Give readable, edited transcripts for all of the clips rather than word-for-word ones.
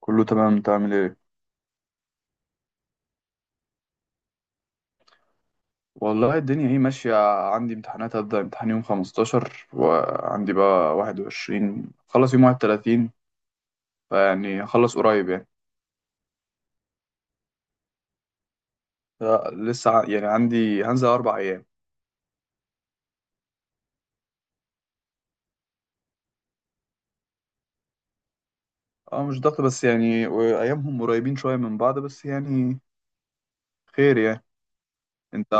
كله تمام، انت عامل ايه؟ والله الدنيا اهي ماشية. عندي امتحانات، هبدأ امتحان يوم 15 وعندي بقى 21، خلص يوم 31. فيعني هخلص قريب يعني. لا، يعني عندي هنزل أربع أيام. اه مش ضغط بس يعني، وأيامهم قريبين شوية من بعض، بس يعني خير يعني. انت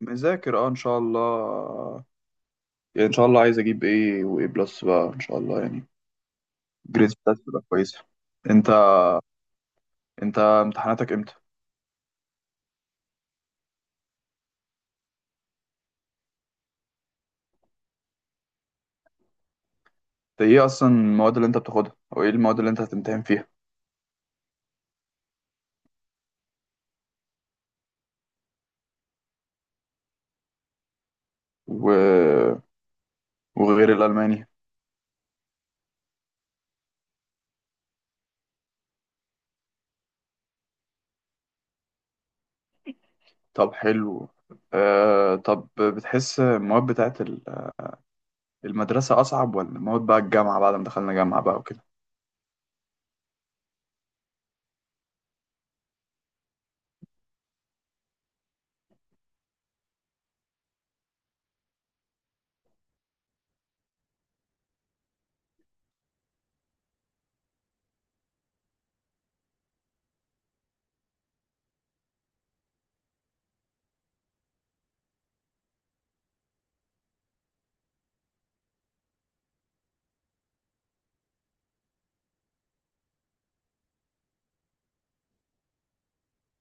مذاكر اه ان شاء الله. يعني ان شاء الله عايز اجيب ايه وايه بلس بقى ان شاء الله يعني. جريدز بتاعتي تبقى كويسة. انت، انت امتحاناتك امتى؟ ده ايه اصلا المواد اللي انت بتاخدها، او ايه المواد اللي انت هتمتحن فيها؟ و... وغير الالماني؟ طب حلو. طب بتحس المواد بتاعت المدرسة اصعب ولا مواد بقى الجامعة بعد ما دخلنا جامعة بقى وكده؟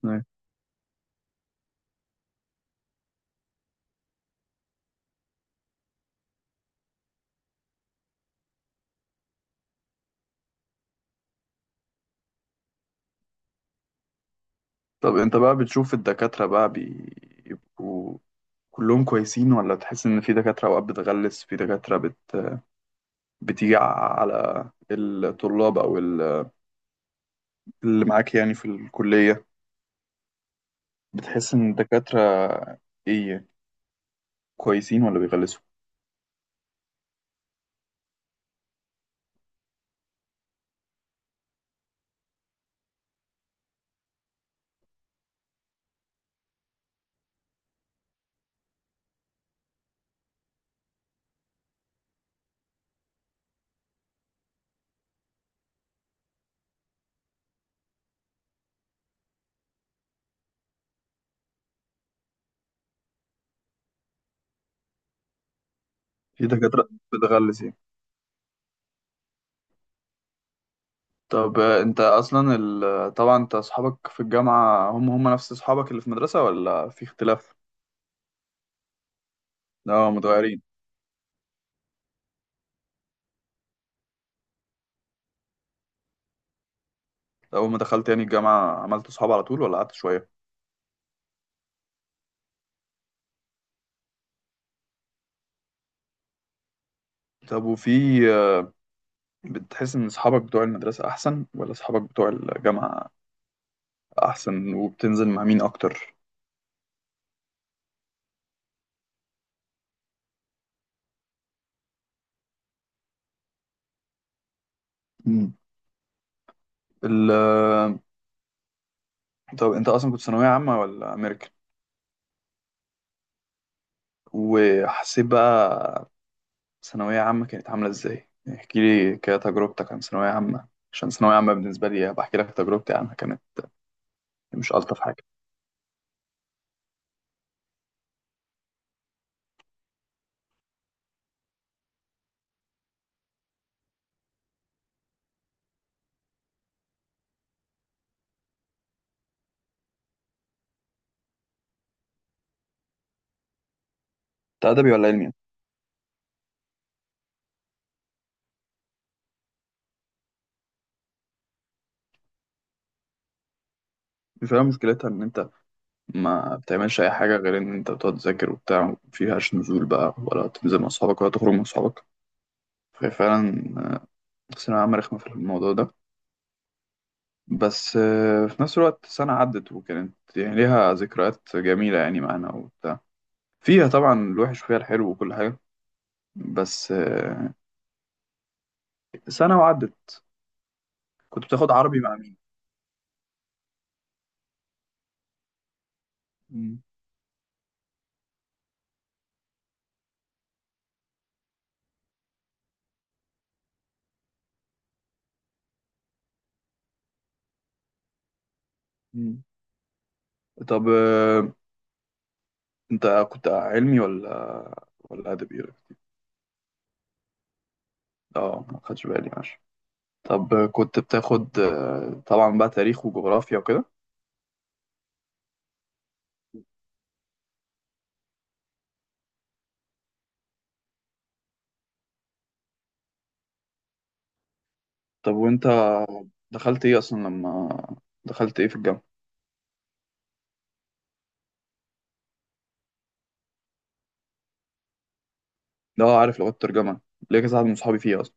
أيوة. طب انت بقى بتشوف الدكاترة بقى بيبقوا كلهم كويسين ولا تحس ان في دكاترة اوقات بتغلس، بتيجي على الطلاب او اللي معاك يعني في الكلية؟ بتحس ان الدكاترة ايه، كويسين ولا بيغلسوا؟ في دكاترة بتغلس يعني. طب انت اصلا طبعا انت اصحابك في الجامعة هم نفس اصحابك اللي في المدرسة ولا في اختلاف؟ لا متغيرين. طب اول ما دخلت يعني الجامعة عملت اصحاب على طول ولا قعدت شوية؟ طب وفي آه، بتحس ان اصحابك بتوع المدرسة احسن ولا اصحابك بتوع الجامعة احسن، وبتنزل مع مين اكتر؟ مم. ال... آه، طب انت اصلا كنت ثانوية عامة ولا امريكان؟ وحسيت بقى ثانوية عامة كانت عاملة ازاي؟ احكي لي كده تجربتك عن ثانوية عامة، عشان ثانوية عامة بالنسبة لي بحكي لك تجربتي عنها كمان. مش ألطف حاجة. انت أدبي ولا علمي؟ مش هي مشكلتها إن أنت ما بتعملش أي حاجة غير إن أنت بتقعد تذاكر وبتاع، مفيهاش نزول بقى ولا تنزل مع أصحابك ولا تخرج مع أصحابك؟ ففعلا ثانوية عامة رخمة في الموضوع ده. بس في نفس الوقت سنة عدت وكانت يعني ليها ذكريات جميلة يعني معانا وبتاع. فيها طبعا الوحش وفيها الحلو وكل حاجة. بس سنة وعدت. كنت بتاخد عربي مع مين؟ مم. مم. طب انت كنت علمي ولا ادبي؟ اه ما خدش بالي، ماشي. طب كنت بتاخد طبعا بقى تاريخ وجغرافيا وكده. طب وانت دخلت ايه اصلا لما دخلت ايه في الجامعه؟ ده اه عارف لغات الترجمه، ليا كذا حد من صحابي فيها اصلا.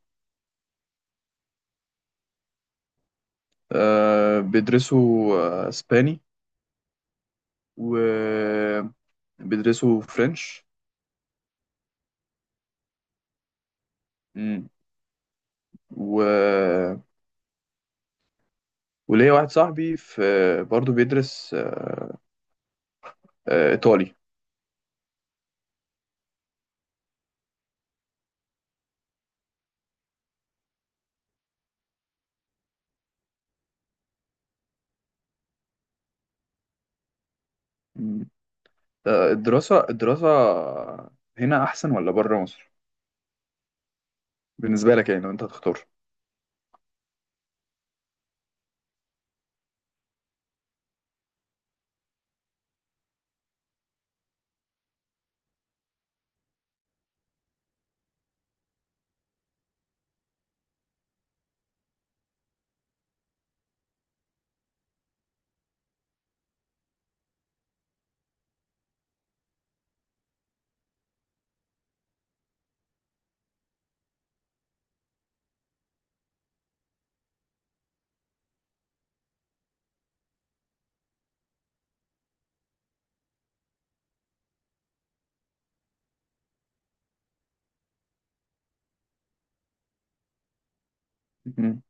أه بيدرسوا اسباني، وبيدرسوا فرنش. امم. و... وليا واحد صاحبي في، برضه بيدرس ايطالي. مم. الدراسة هنا أحسن ولا بره مصر؟ بالنسبة لك يعني لو أنت هتختار. مم.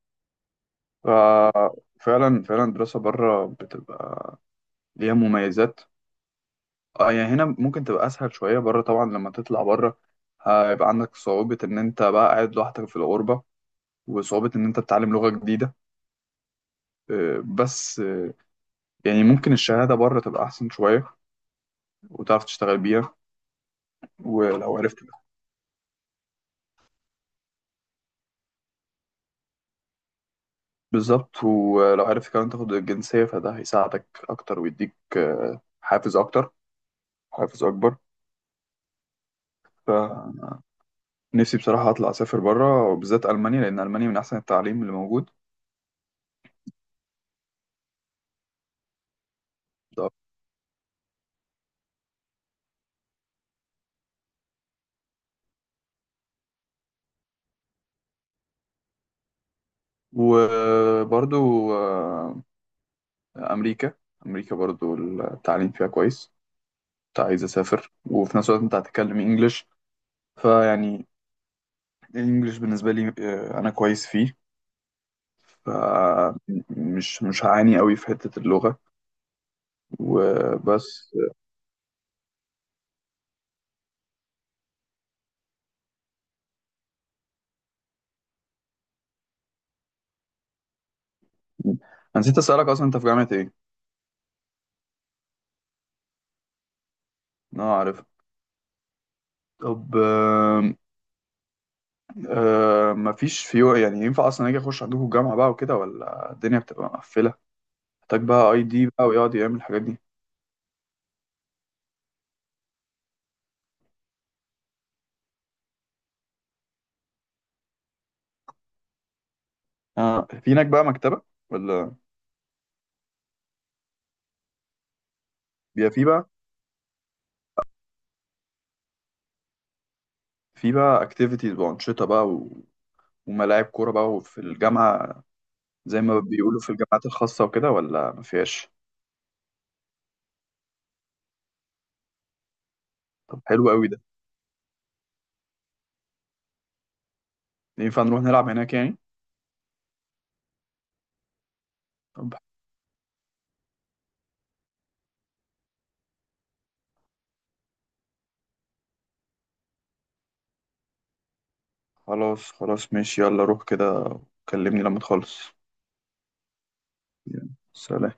ففعلا فعلا الدراسة بره بتبقى ليها مميزات. اه يعني هنا ممكن تبقى أسهل شوية، بره طبعا لما تطلع بره هيبقى عندك صعوبة إن أنت بقى قاعد لوحدك في الغربة، وصعوبة إن أنت بتتعلم لغة جديدة. بس يعني ممكن الشهادة بره تبقى أحسن شوية وتعرف تشتغل بيها ولو عرفت. بالظبط، ولو عرفت كمان تاخد الجنسية فده هيساعدك أكتر ويديك حافز أكبر. فنفسي بصراحة أطلع أسافر برا، وبالذات ألمانيا لأن ألمانيا من أحسن التعليم اللي موجود. وبرضو أمريكا، برضو التعليم فيها كويس. كنت عايز أسافر، وفي نفس الوقت أنت هتتكلم إنجليش فيعني الإنجليش بالنسبة لي، أنا كويس فيه، فمش مش هعاني قوي في حتة اللغة وبس. أنا نسيت أسألك أصلا أنت في جامعة إيه؟ أه عارف. طب مفيش في يعني، ينفع أصلا أجي أخش عندكم الجامعة بقى وكده ولا الدنيا بتبقى مقفلة؟ محتاج بقى أي دي بقى ويقعد يعمل الحاجات دي؟ أه في هناك بقى مكتبة ولا؟ بيبقى في بقى، أكتيفيتيز وأنشطة بقى وملاعب كورة بقى وفي الجامعة، زي ما بيقولوا في الجامعات الخاصة وكده، ولا مفيهاش؟ طب حلو أوي ده. ينفع نروح نلعب هناك يعني؟ طب خلاص خلاص، ماشي، يلا روح كده. كلمني لما تخلص. يلا، سلام.